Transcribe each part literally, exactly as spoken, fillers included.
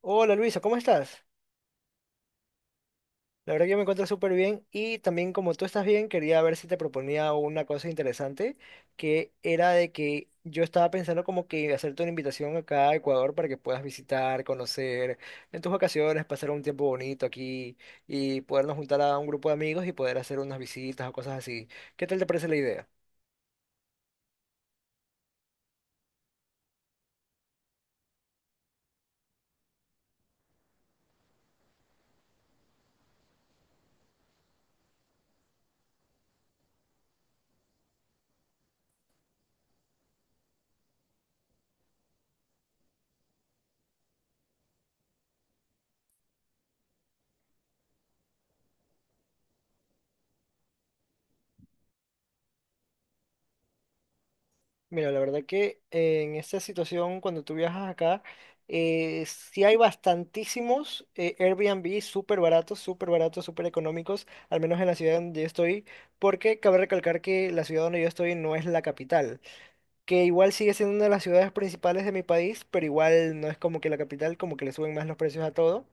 Hola Luisa, ¿cómo estás? La verdad que yo me encuentro súper bien y también como tú estás bien, quería ver si te proponía una cosa interesante, que era de que yo estaba pensando como que hacerte una invitación acá a Ecuador para que puedas visitar, conocer en tus vacaciones, pasar un tiempo bonito aquí y podernos juntar a un grupo de amigos y poder hacer unas visitas o cosas así. ¿Qué tal te parece la idea? Mira, la verdad que eh, en esta situación, cuando tú viajas acá, eh, sí hay bastantísimos eh, Airbnb súper baratos, súper baratos, súper económicos, al menos en la ciudad donde yo estoy, porque cabe recalcar que la ciudad donde yo estoy no es la capital que igual sigue siendo una de las ciudades principales de mi país, pero igual no es como que la capital, como que le suben más los precios a todo.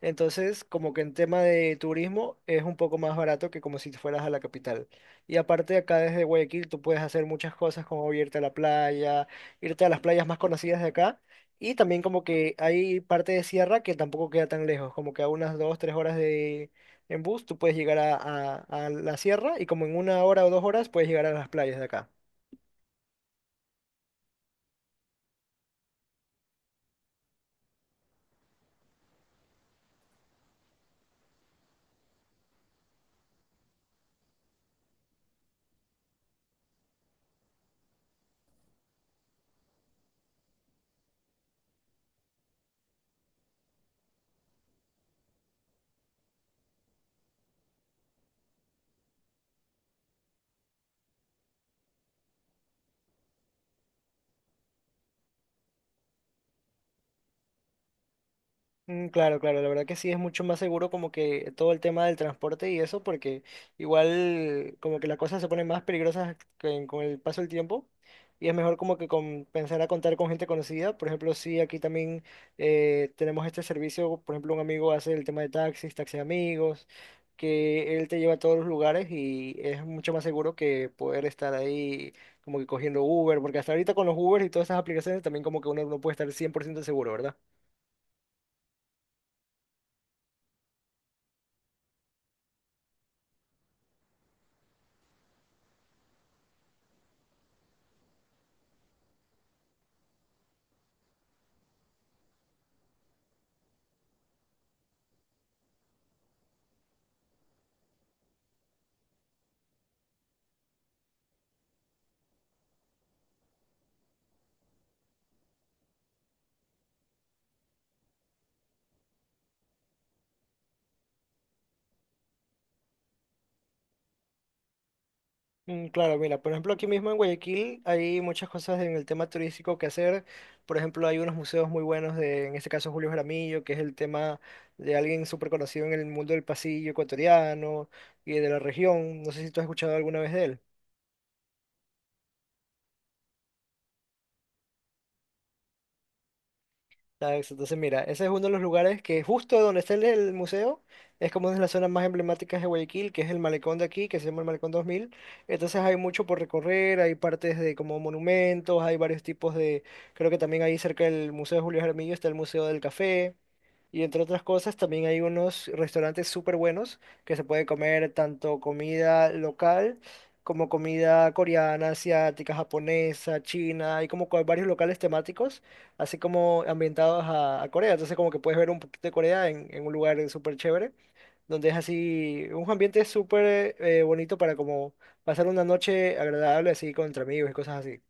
Entonces, como que en tema de turismo es un poco más barato que como si te fueras a la capital. Y aparte acá desde Guayaquil tú puedes hacer muchas cosas como irte a la playa, irte a las playas más conocidas de acá. Y también como que hay parte de sierra que tampoco queda tan lejos, como que a unas dos, tres horas de en bus tú puedes llegar a, a a la sierra y como en una hora o dos horas puedes llegar a las playas de acá. Mm, Claro, claro, la verdad que sí es mucho más seguro como que todo el tema del transporte y eso, porque igual como que las cosas se ponen más peligrosas que- con el paso del tiempo y es mejor como que con, pensar a contar con gente conocida. Por ejemplo, sí, aquí también eh, tenemos este servicio, por ejemplo, un amigo hace el tema de taxis, taxi amigos, que él te lleva a todos los lugares y es mucho más seguro que poder estar ahí como que cogiendo Uber, porque hasta ahorita con los Uber y todas esas aplicaciones también como que uno no puede estar cien por ciento seguro, ¿verdad? Mm, Claro, mira, por ejemplo, aquí mismo en Guayaquil hay muchas cosas en el tema turístico que hacer. Por ejemplo, hay unos museos muy buenos de, en este caso, Julio Jaramillo, que es el tema de alguien súper conocido en el mundo del pasillo ecuatoriano y de la región. No sé si tú has escuchado alguna vez de él. Ah, ex- Entonces, mira, ese es uno de los lugares que justo donde está el, el museo, es como una de las zonas más emblemáticas de Guayaquil, que es el malecón de aquí, que se llama el Malecón dos mil. Entonces hay mucho por recorrer, hay partes de como monumentos, hay varios tipos de, creo que también ahí cerca del Museo de Julio Jaramillo está el Museo del Café. Y entre otras cosas, también hay unos restaurantes súper buenos que se puede comer tanto comida local como comida coreana, asiática, japonesa, china. Hay como que varios locales temáticos, así como ambientados a, a Corea. Entonces como que puedes ver un poquito de Corea en, en un lugar súper chévere, donde es así un ambiente súper eh, bonito para como pasar una noche agradable así con entre amigos y cosas así.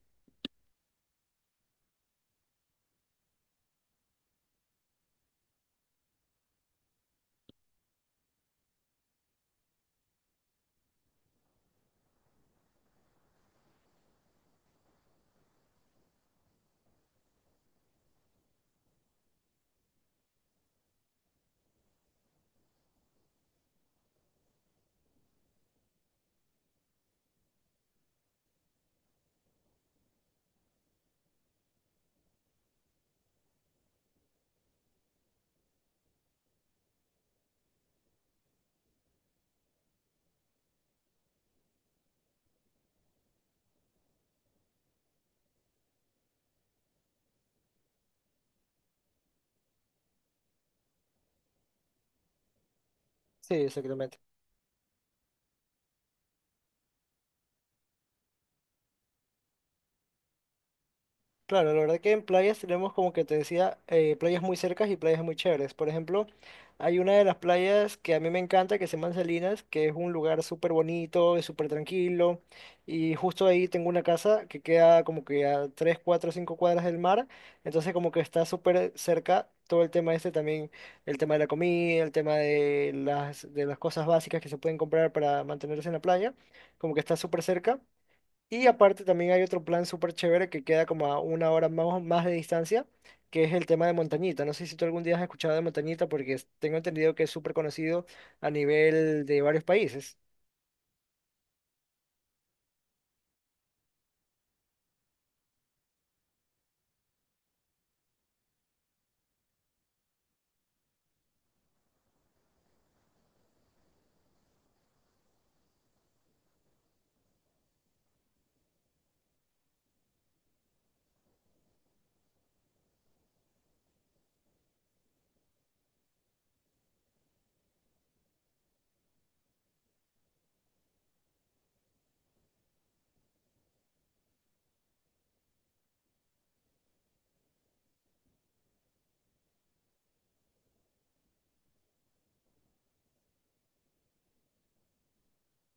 Sí, exactamente. Claro, la verdad que en playas tenemos como que te decía, eh, playas muy cercas y playas muy chéveres. Por ejemplo, hay una de las playas que a mí me encanta, que se llama Salinas, que es un lugar súper bonito, es súper tranquilo. Y justo ahí tengo una casa que queda como que a tres, cuatro, cinco cuadras del mar. Entonces como que está súper cerca todo el tema este también, el tema de la comida, el tema de las, de las cosas básicas que se pueden comprar para mantenerse en la playa, como que está súper cerca. Y aparte también hay otro plan súper chévere que queda como a una hora más, o- más de distancia, que es el tema de Montañita. No sé si tú algún día has escuchado de Montañita porque es- tengo entendido que es súper conocido a nivel de varios países.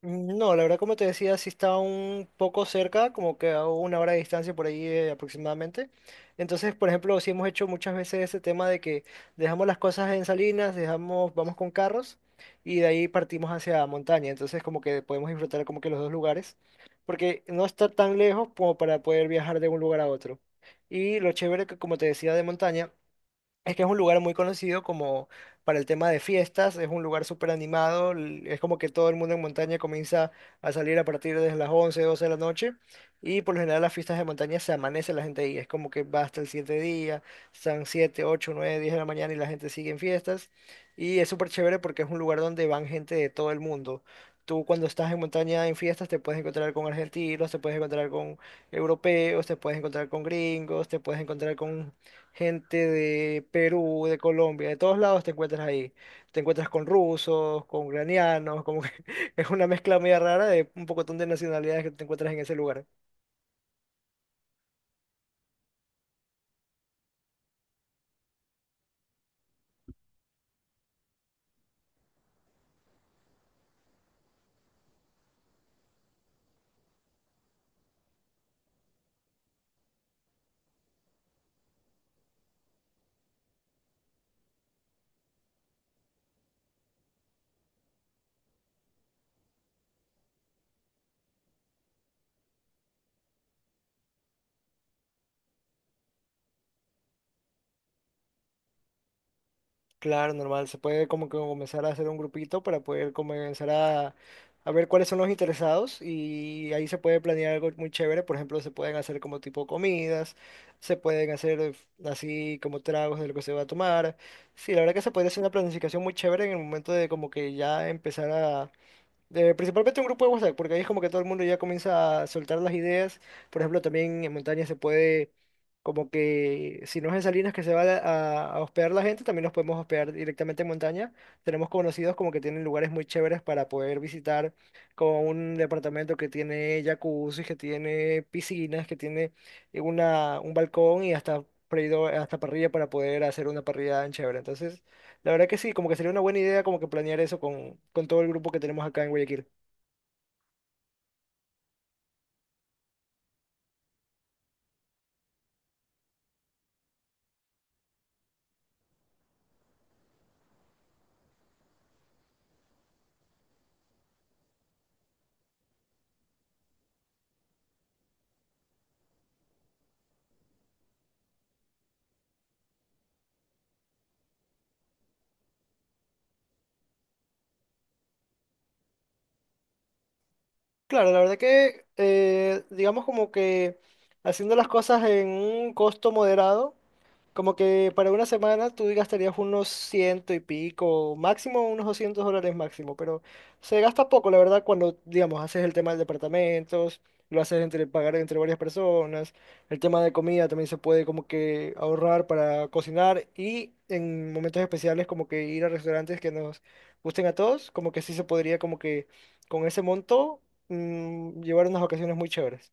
Mm, No, la verdad, como te decía, sí está un poco cerca, como que a una hora de distancia por ahí eh, aproximadamente. Entonces, por ejemplo, sí hemos hecho muchas veces ese tema de que dejamos las cosas en Salinas, dejamos, vamos con carros y de ahí partimos hacia montaña. Entonces, como que podemos disfrutar como que los dos lugares, porque no está tan lejos como para poder viajar de un lugar a otro. Y lo chévere que, como te decía, de montaña. Es que es un lugar muy conocido como para el tema de fiestas, es un lugar súper animado, l- es como que todo el mundo en montaña comienza a salir a partir de las once doce de la noche y por lo general las fiestas de montaña se amanece la gente ahí, es como que va hasta el siete día, están siete ocho nueve diez de la mañana y la gente sigue en fiestas y es súper chévere porque es un lugar donde van gente de todo el mundo. Tú cuando estás en montaña en fiestas te puedes encontrar con argentinos, te puedes encontrar con europeos, te puedes encontrar con gringos, te puedes encontrar con gente de Perú, de Colombia, de todos lados te encuentras ahí. Te encuentras con rusos, con ucranianos, como que es una mezcla media rara de un pocotón de nacionalidades que te encuentras en ese lugar. Claro, normal, se puede como que comenzar a hacer un grupito para poder comenzar a, a ver cuáles son los interesados y ahí se puede planear algo muy chévere. Por ejemplo, se pueden hacer como tipo comidas, se pueden hacer eh, así como tragos de lo que se va a tomar. Sí, la verdad que se puede hacer una planificación muy chévere en el momento de como que ya empezar a Eh, principalmente un grupo de WhatsApp, porque ahí es como que todo el mundo ya comienza a soltar las ideas. Por ejemplo, también en montaña se puede, como que si no es en Salinas que se va a, a hospedar la gente, también nos podemos hospedar directamente en montaña. Tenemos conocidos como que tienen lugares muy chéveres para poder visitar, como un departamento que tiene jacuzzi, que tiene piscinas, que tiene una, un balcón y hasta, freidor- hasta parrilla para poder hacer una parrilla en chévere. Entonces... La verdad que sí, como que sería una buena idea como que planear eso con, con todo el grupo que tenemos acá en Guayaquil. Claro, la verdad que eh, digamos como que haciendo las cosas en un costo moderado, como que para una semana tú gastarías unos ciento y pico, máximo unos doscientos dólares máximo, pero se gasta poco, la verdad, cuando, digamos, haces el tema de departamentos, lo haces entre pagar entre varias personas, el tema de comida también se puede como que ahorrar para cocinar y en momentos especiales como que ir a restaurantes que nos gusten a todos, como que sí se podría como que con ese monto mm, llevar unas vacaciones muy chéveres.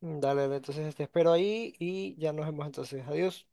Mm, Dale, dale, entonces te espero ahí y ya nos vemos entonces. Adiós.